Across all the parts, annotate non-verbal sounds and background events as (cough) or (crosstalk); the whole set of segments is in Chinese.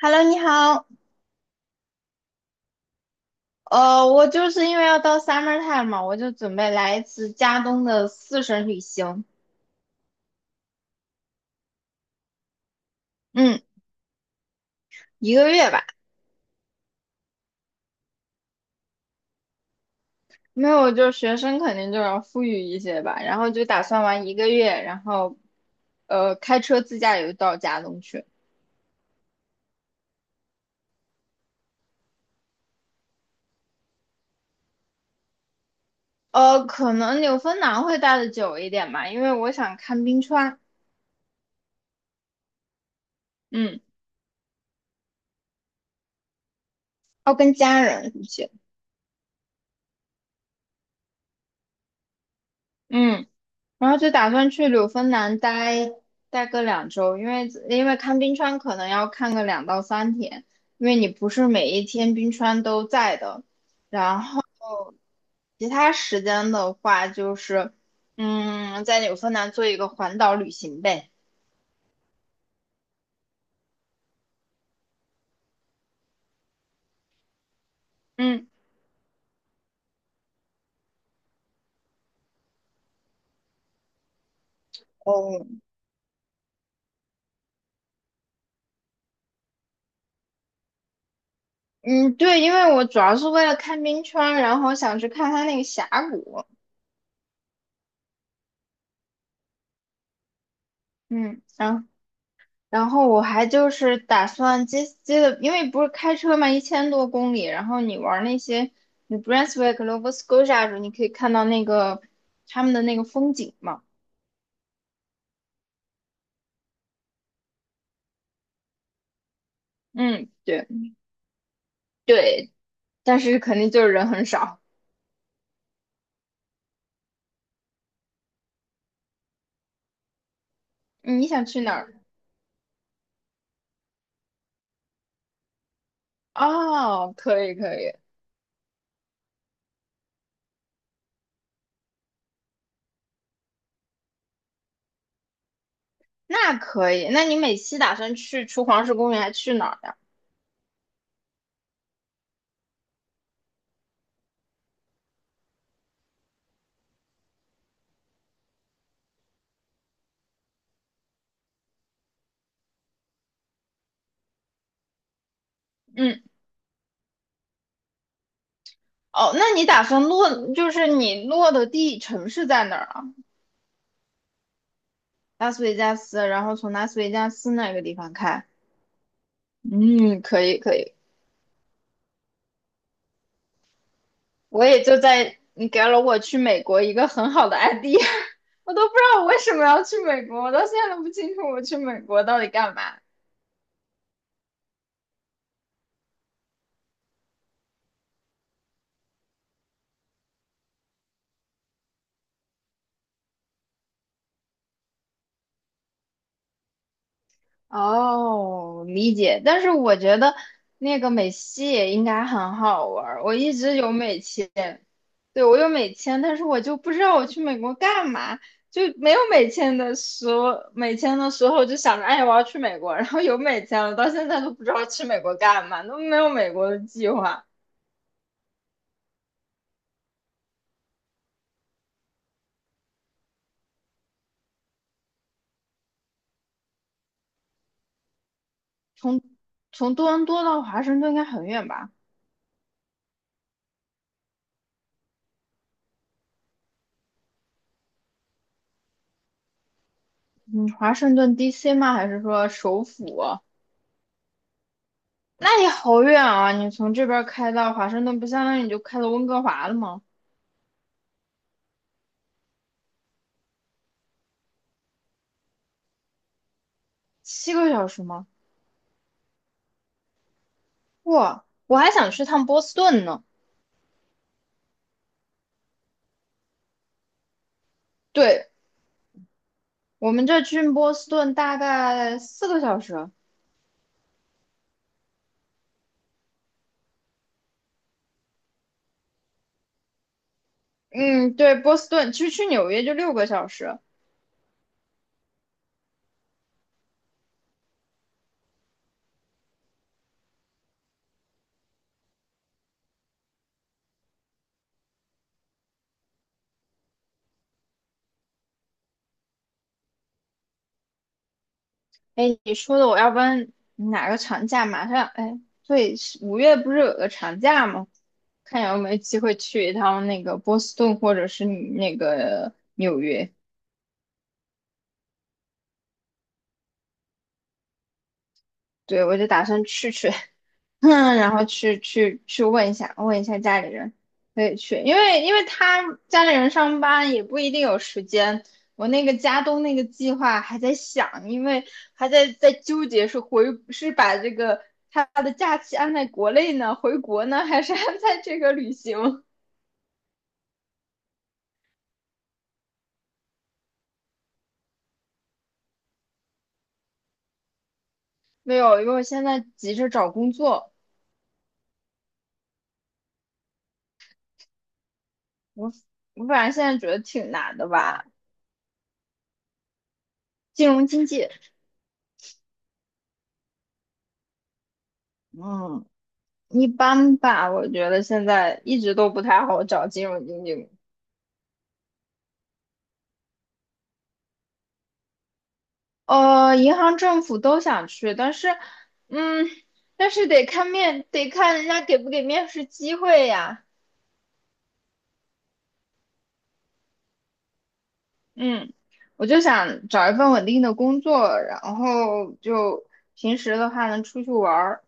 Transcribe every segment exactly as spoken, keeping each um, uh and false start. Hello，你好。呃，我就是因为要到 summertime 嘛，我就准备来一次加东的四省旅行。嗯，一个月吧。没有，我就学生肯定就要富裕一些吧，然后就打算玩一个月，然后呃开车自驾游到加东去。呃，可能纽芬兰会待的久一点吧，因为我想看冰川。嗯，要跟家人一起。嗯。然后就打算去柳芬兰待待个两周，因为因为看冰川可能要看个两到三天，因为你不是每一天冰川都在的。然后其他时间的话，就是嗯，在纽芬兰做一个环岛旅行呗。嗯。哦。嗯，对，因为我主要是为了看冰川，然后想去看它那个峡谷。嗯，然然后我还就是打算接接的，因为不是开车嘛，一千多公里，然后你玩那些，你 Brunswick、Nova Scotia 的时候，你可以看到那个他们的那个风景嘛。嗯，对对，但是肯定就是人很少。你想去哪儿？哦，可以可以。那可以。那你每期打算去除黄石公园，还去哪儿呀？嗯。哦，那你打算落，就是你落的地城市在哪儿啊？拉斯维加斯，然后从拉斯维加斯那个地方开。嗯，可以可以，我也就在你给了我去美国一个很好的 idea。(laughs) 我都不知道我为什么要去美国，我到现在都不清楚我去美国到底干嘛。哦，理解。但是我觉得那个美西也应该很好玩儿。我一直有美签。对，我有美签，但是我就不知道我去美国干嘛。就没有美签的时候，美签的时候就想着，哎，我要去美国。然后有美签了，到现在都不知道去美国干嘛，都没有美国的计划。从从多伦多到华盛顿应该很远吧？嗯，华盛顿 D C 吗？还是说首府啊？那也好远啊！你从这边儿开到华盛顿，不相当于你就开到温哥华了吗？七个小时吗？哇，我还想去趟波士顿呢。对，我们这去波士顿大概四个小时。嗯，对，波士顿其实去纽约就六个小时。哎，你说的，我要不然哪个长假马上？哎，对，五月不是有个长假吗？看有没有机会去一趟那个波士顿或者是那个纽约。对，我就打算去去。(laughs) 嗯，然后去去去问一下，问一下家里人，可以去，因为因为他家里人上班也不一定有时间。我那个家东那个计划还在想，因为还在在纠结是回是把这个他的假期安在国内呢，回国呢，还是安在这个旅行？没有，因为我现在急着找工作，我我反正现在觉得挺难的吧。金融经济。嗯，一般吧，我觉得现在一直都不太好找金融经济。呃，银行、政府都想去。但是，嗯，但是得看面，得看人家给不给面试机会呀。嗯，我就想找一份稳定的工作，然后就平时的话能出去玩儿。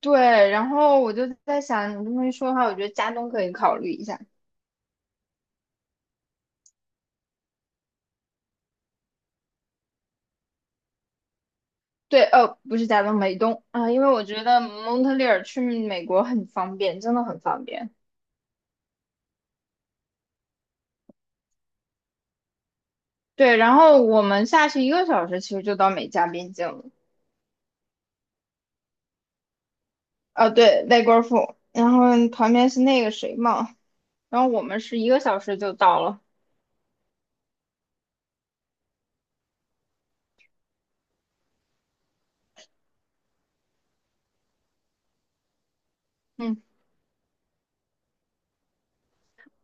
对，然后我就在想，你这么一说的话，我觉得加东可以考虑一下。对，呃，不是加东，美东啊，因为我觉得蒙特利尔去美国很方便，真的很方便。对，然后我们下去一个小时，其实就到美加边境了。啊，对，外国富，然后旁边是那个谁嘛，然后我们是一个小时就到了。嗯，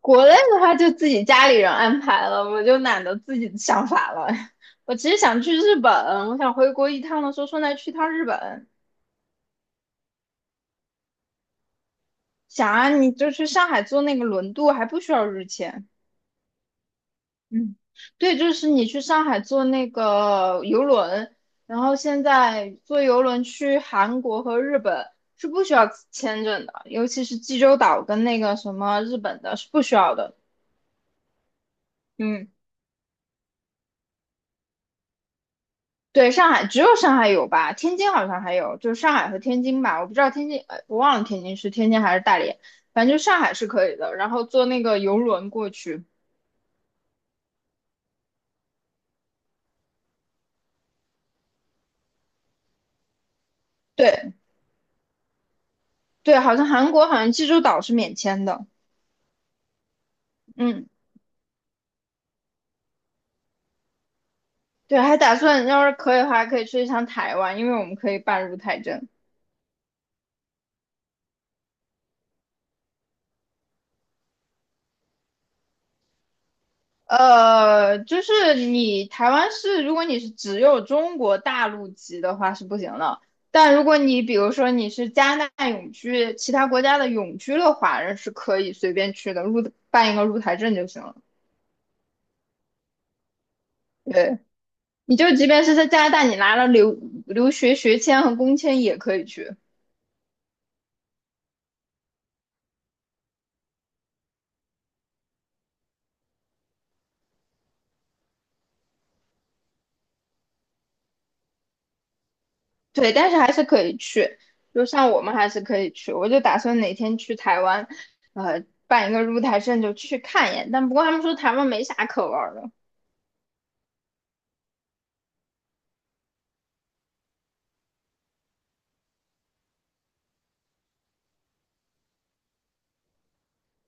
国内的话就自己家里人安排了，我就懒得自己想法了。(laughs) 我其实想去日本，我想回国一趟的时候顺带去趟日本。想啊，你就去上海坐那个轮渡，还不需要日签。嗯，对，就是你去上海坐那个游轮，然后现在坐游轮去韩国和日本是不需要签证的，尤其是济州岛跟那个什么日本的是不需要的。嗯，对，上海只有上海有吧，天津好像还有，就是上海和天津吧，我不知道天津，呃我忘了天津是天津还是大连，反正就上海是可以的，然后坐那个游轮过去。对对，好像韩国好像济州岛是免签的。嗯。对，还打算要是可以的话，可以去一趟台湾，因为我们可以办入台证。呃，就是你台湾是，如果你是只有中国大陆籍的话是不行的，但如果你比如说你是加拿大永居，其他国家的永居的华人是可以随便去的，入办一个入台证就行了。对，你就即便是在加拿大，你拿了留留学学签和工签也可以去。对，但是还是可以去，就像我们还是可以去。我就打算哪天去台湾，呃，办一个入台证就去看一眼。但不过他们说台湾没啥可玩儿的，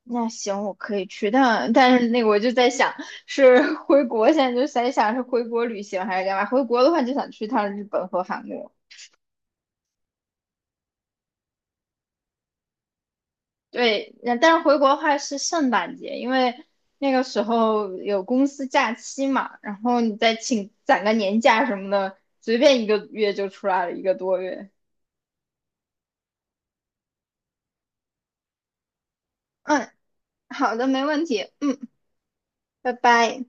那行我可以去，但但是那个我就在想，是 (laughs) 回国现在就在想是回国旅行还是干嘛？回国的话就想去趟日本和韩国。对，那但是回国的话是圣诞节，因为那个时候有公司假期嘛，然后你再请攒个年假什么的，随便一个月就出来了一个多月。嗯，好的，没问题。嗯，拜拜。